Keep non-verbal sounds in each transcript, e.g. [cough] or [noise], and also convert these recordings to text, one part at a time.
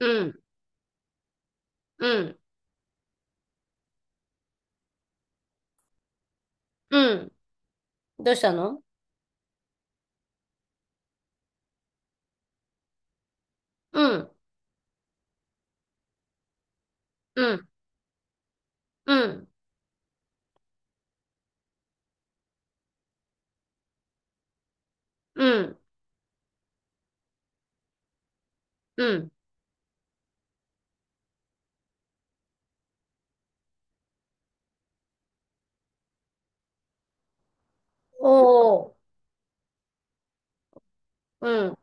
うん、うん、うん。どうしたの？うん、うん、うん、うん、うん。おー、うん、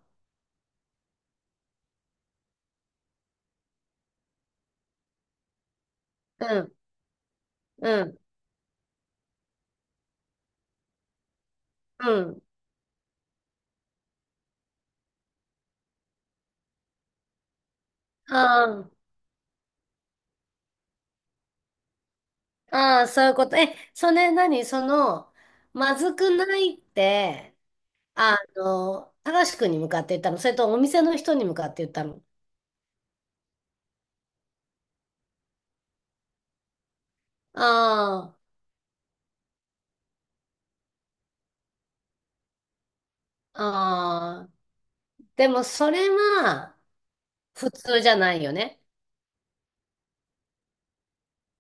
うん、うん、うん。ああ、ああ、そういうこと。え、それ何？まずくないって、高しくんに向かって言ったの？それとお店の人に向かって言ったの？ああ、ああ。でもそれは普通じゃないよね。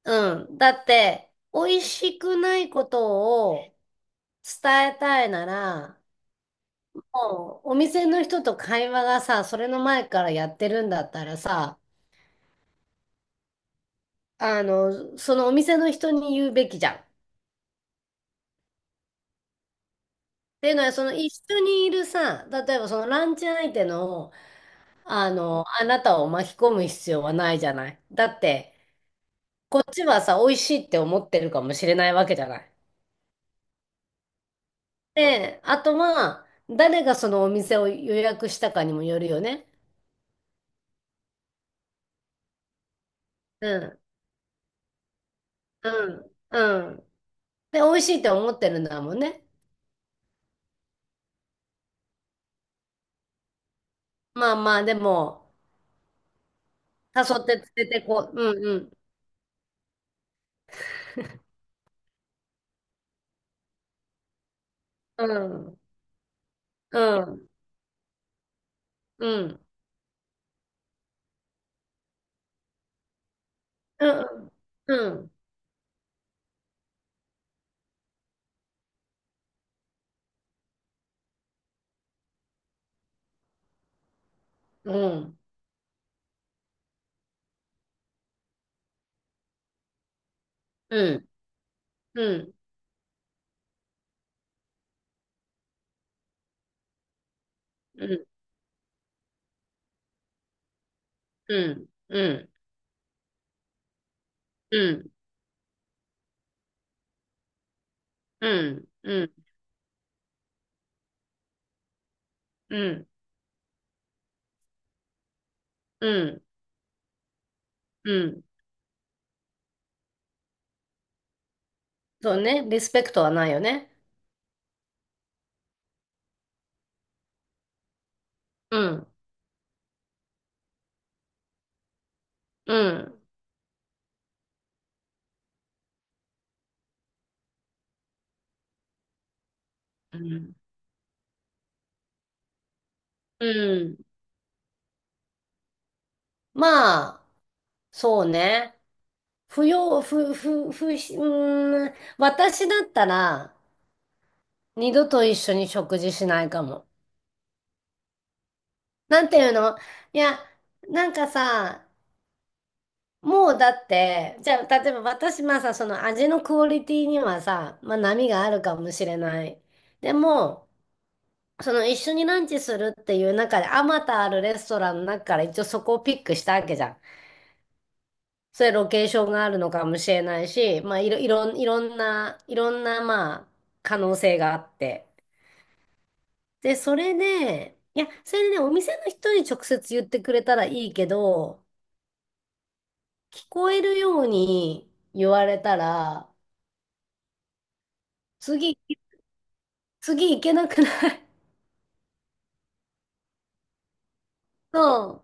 うん。だって、美味しくないことを、伝えたいなら、もうお店の人と会話がさ、それの前からやってるんだったらさ、そのお店の人に言うべきじゃん。っていうのは、その一緒にいるさ、例えばそのランチ相手の、あなたを巻き込む必要はないじゃない。だって、こっちはさ、美味しいって思ってるかもしれないわけじゃない。で、あとは、誰がそのお店を予約したかにもよるよね。うん、うん、うん。で、美味しいって思ってるんだもんね。まあまあ、でも、誘って連れてこう。うんうん。うん。うん。うん。うんうん。うん。うん。うん。うん。うん。うん。うん。うん。うん。うん。うん。うん。そうね。リスペクトはないよね。うん。うん。うん。うん。まあ、そうね。不要、不、不、不、うーん。私だったら、二度と一緒に食事しないかも。なんていうの？いや、なんかさ、もうだって、じゃあ、例えば私、まあさ、その味のクオリティにはさ、まあ波があるかもしれない。でも、その一緒にランチするっていう中で、あまたあるレストランの中から一応そこをピックしたわけじゃん。それロケーションがあるのかもしれないし、まあいろんな、まあ、可能性があって。で、それで、いや、それでね、お店の人に直接言ってくれたらいいけど、聞こえるように言われたら、次、次行けなくない？ [laughs] そ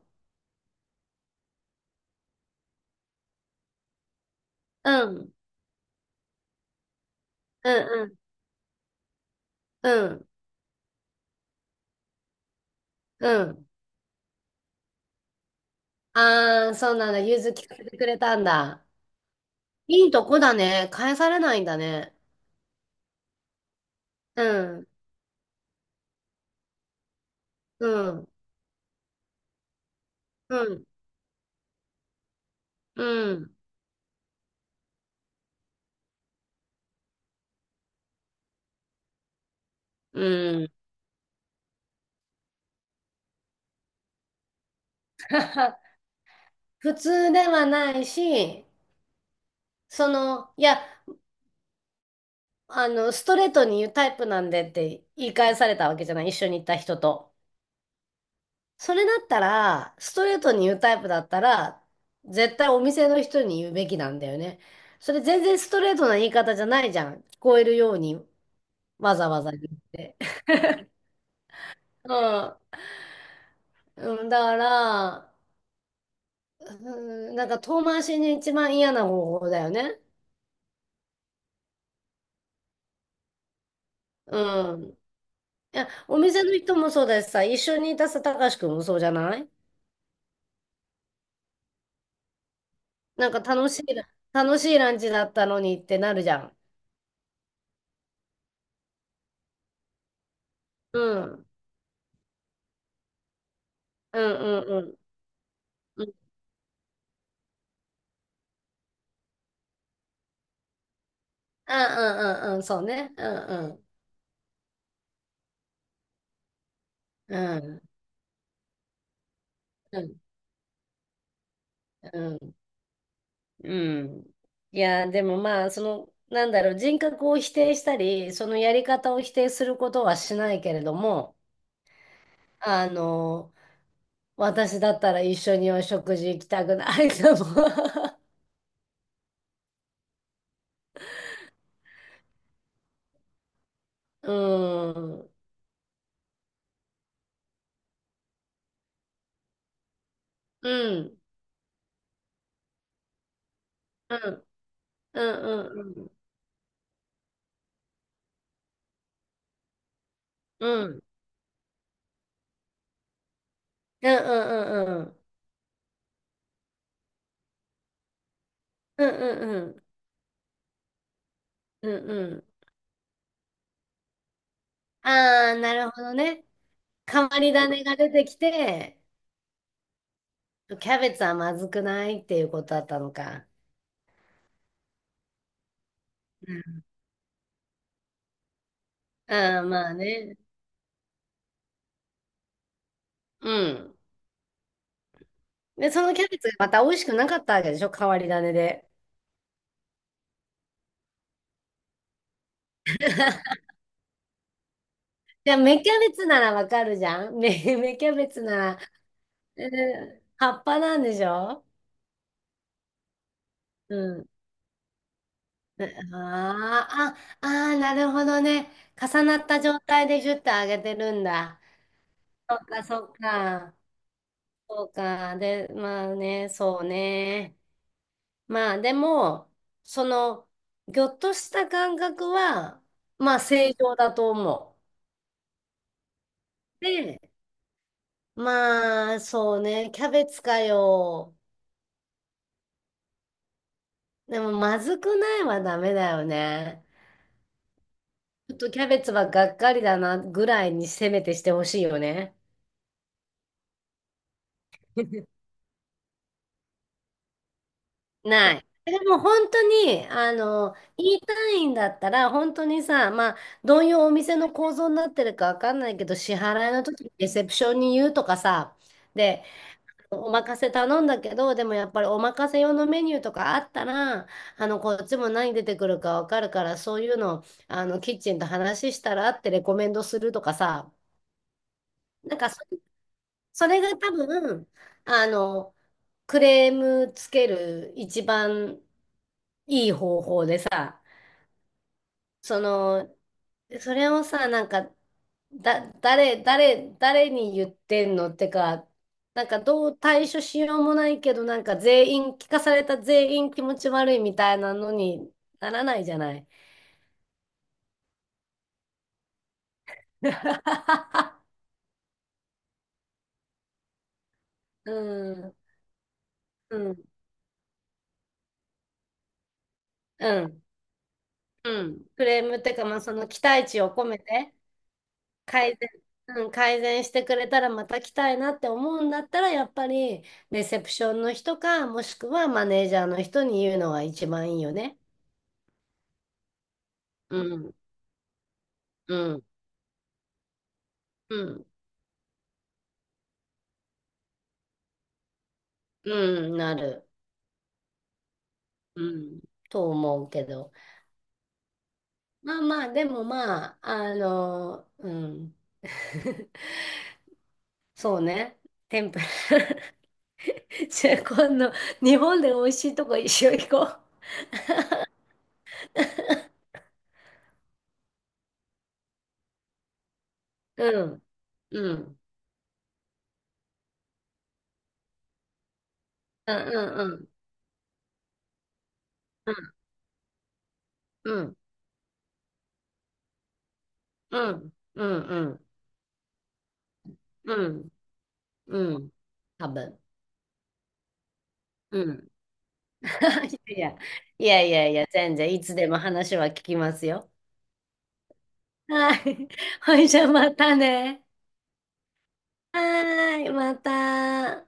う。うん。うんうん。うん。うん。ああ、そうなんだ。融通聞かせてくれたんだ。いいとこだね。返されないんだね。うん。うん。うん。うん。うん。[laughs] 普通ではないし、いや、ストレートに言うタイプなんでって言い返されたわけじゃない。一緒に行った人と。それだったら、ストレートに言うタイプだったら、絶対お店の人に言うべきなんだよね。それ全然ストレートな言い方じゃないじゃん。聞こえるようにわざわざ言って。うん。うん、だから、うん、なんか遠回しに一番嫌な方法だよね。うん。いや、お店の人もそうだしさ、一緒にいたさ、たかしくんもそうじゃない？なんか楽しいランチだったのにってなるじゃん。うん。うんうんうん。うんうんうん、そうね。うんうん。うんうんうん。うん。いや、でもまあ、なんだろう、人格を否定したり、そのやり方を否定することはしないけれども、あの、私だったら一緒にお食事行きたくないかも。うん。うん。うん。うんうんうん。うん。うんうんうんうん。うんうんうん。うんうんうんうんうんうん。ああ、なるほどね。変わり種が出てきて、キャベツはまずくないっていうことだったのか。うん。ああ、まあね。うん。で、そのキャベツがまた美味しくなかったわけでしょ？変わり種で。じゃあ、芽キャベツならわかるじゃん。芽キャベツなら、え葉っぱなんでしょ？うん。ああ、ああ、なるほどね。重なった状態でギュッと揚げてるんだ。そっか、そっか。そうか。で、まあね、そうね。まあでも、その、ぎょっとした感覚は、まあ正常だと思う。で、まあそうね、キャベツかよ。でもまずくないはダメだよね。ちょっとキャベツはがっかりだなぐらいにせめてしてほしいよね。ない。でも本当に、言いたいんだったら、本当にさ、まあ、どういうお店の構造になってるかわかんないけど、支払いの時にレセプションに言うとかさ、で、お任せ頼んだけど、でもやっぱりお任せ用のメニューとかあったら、こっちも何出てくるかわかるから、そういうの、キッチンと話したらってレコメンドするとかさ、なんかそれが多分、あの、クレームつける一番いい方法でさ、その、でそれをさ、なんか、だ、誰、誰、誰に言ってんのってか、なんかどう対処しようもないけど、なんか全員、聞かされた全員気持ち悪いみたいなのにならないじゃない。[laughs] うん、うん、うん、うん。クレームってか、まあ、その期待値を込めて改善、うん、改善してくれたらまた来たいなって思うんだったら、やっぱりレセプションの人か、もしくはマネージャーの人に言うのが一番いいよね。うん、うん。うん、うん、なる。うん、と思うけど。まあまあ、でもまあ、うん。[laughs] そうね。天ぷら。[laughs] じゃあ今度、日本で美味しいとこ一緒行こう。[laughs] うん、うん、うん、うん、うん、うん、うん、うん、うん、うん、うん、多分。うん。[laughs] いや、いやいやいや、全然いつでも話は聞きますよ。はい。[laughs] ほいじゃあまたね。はーい、また。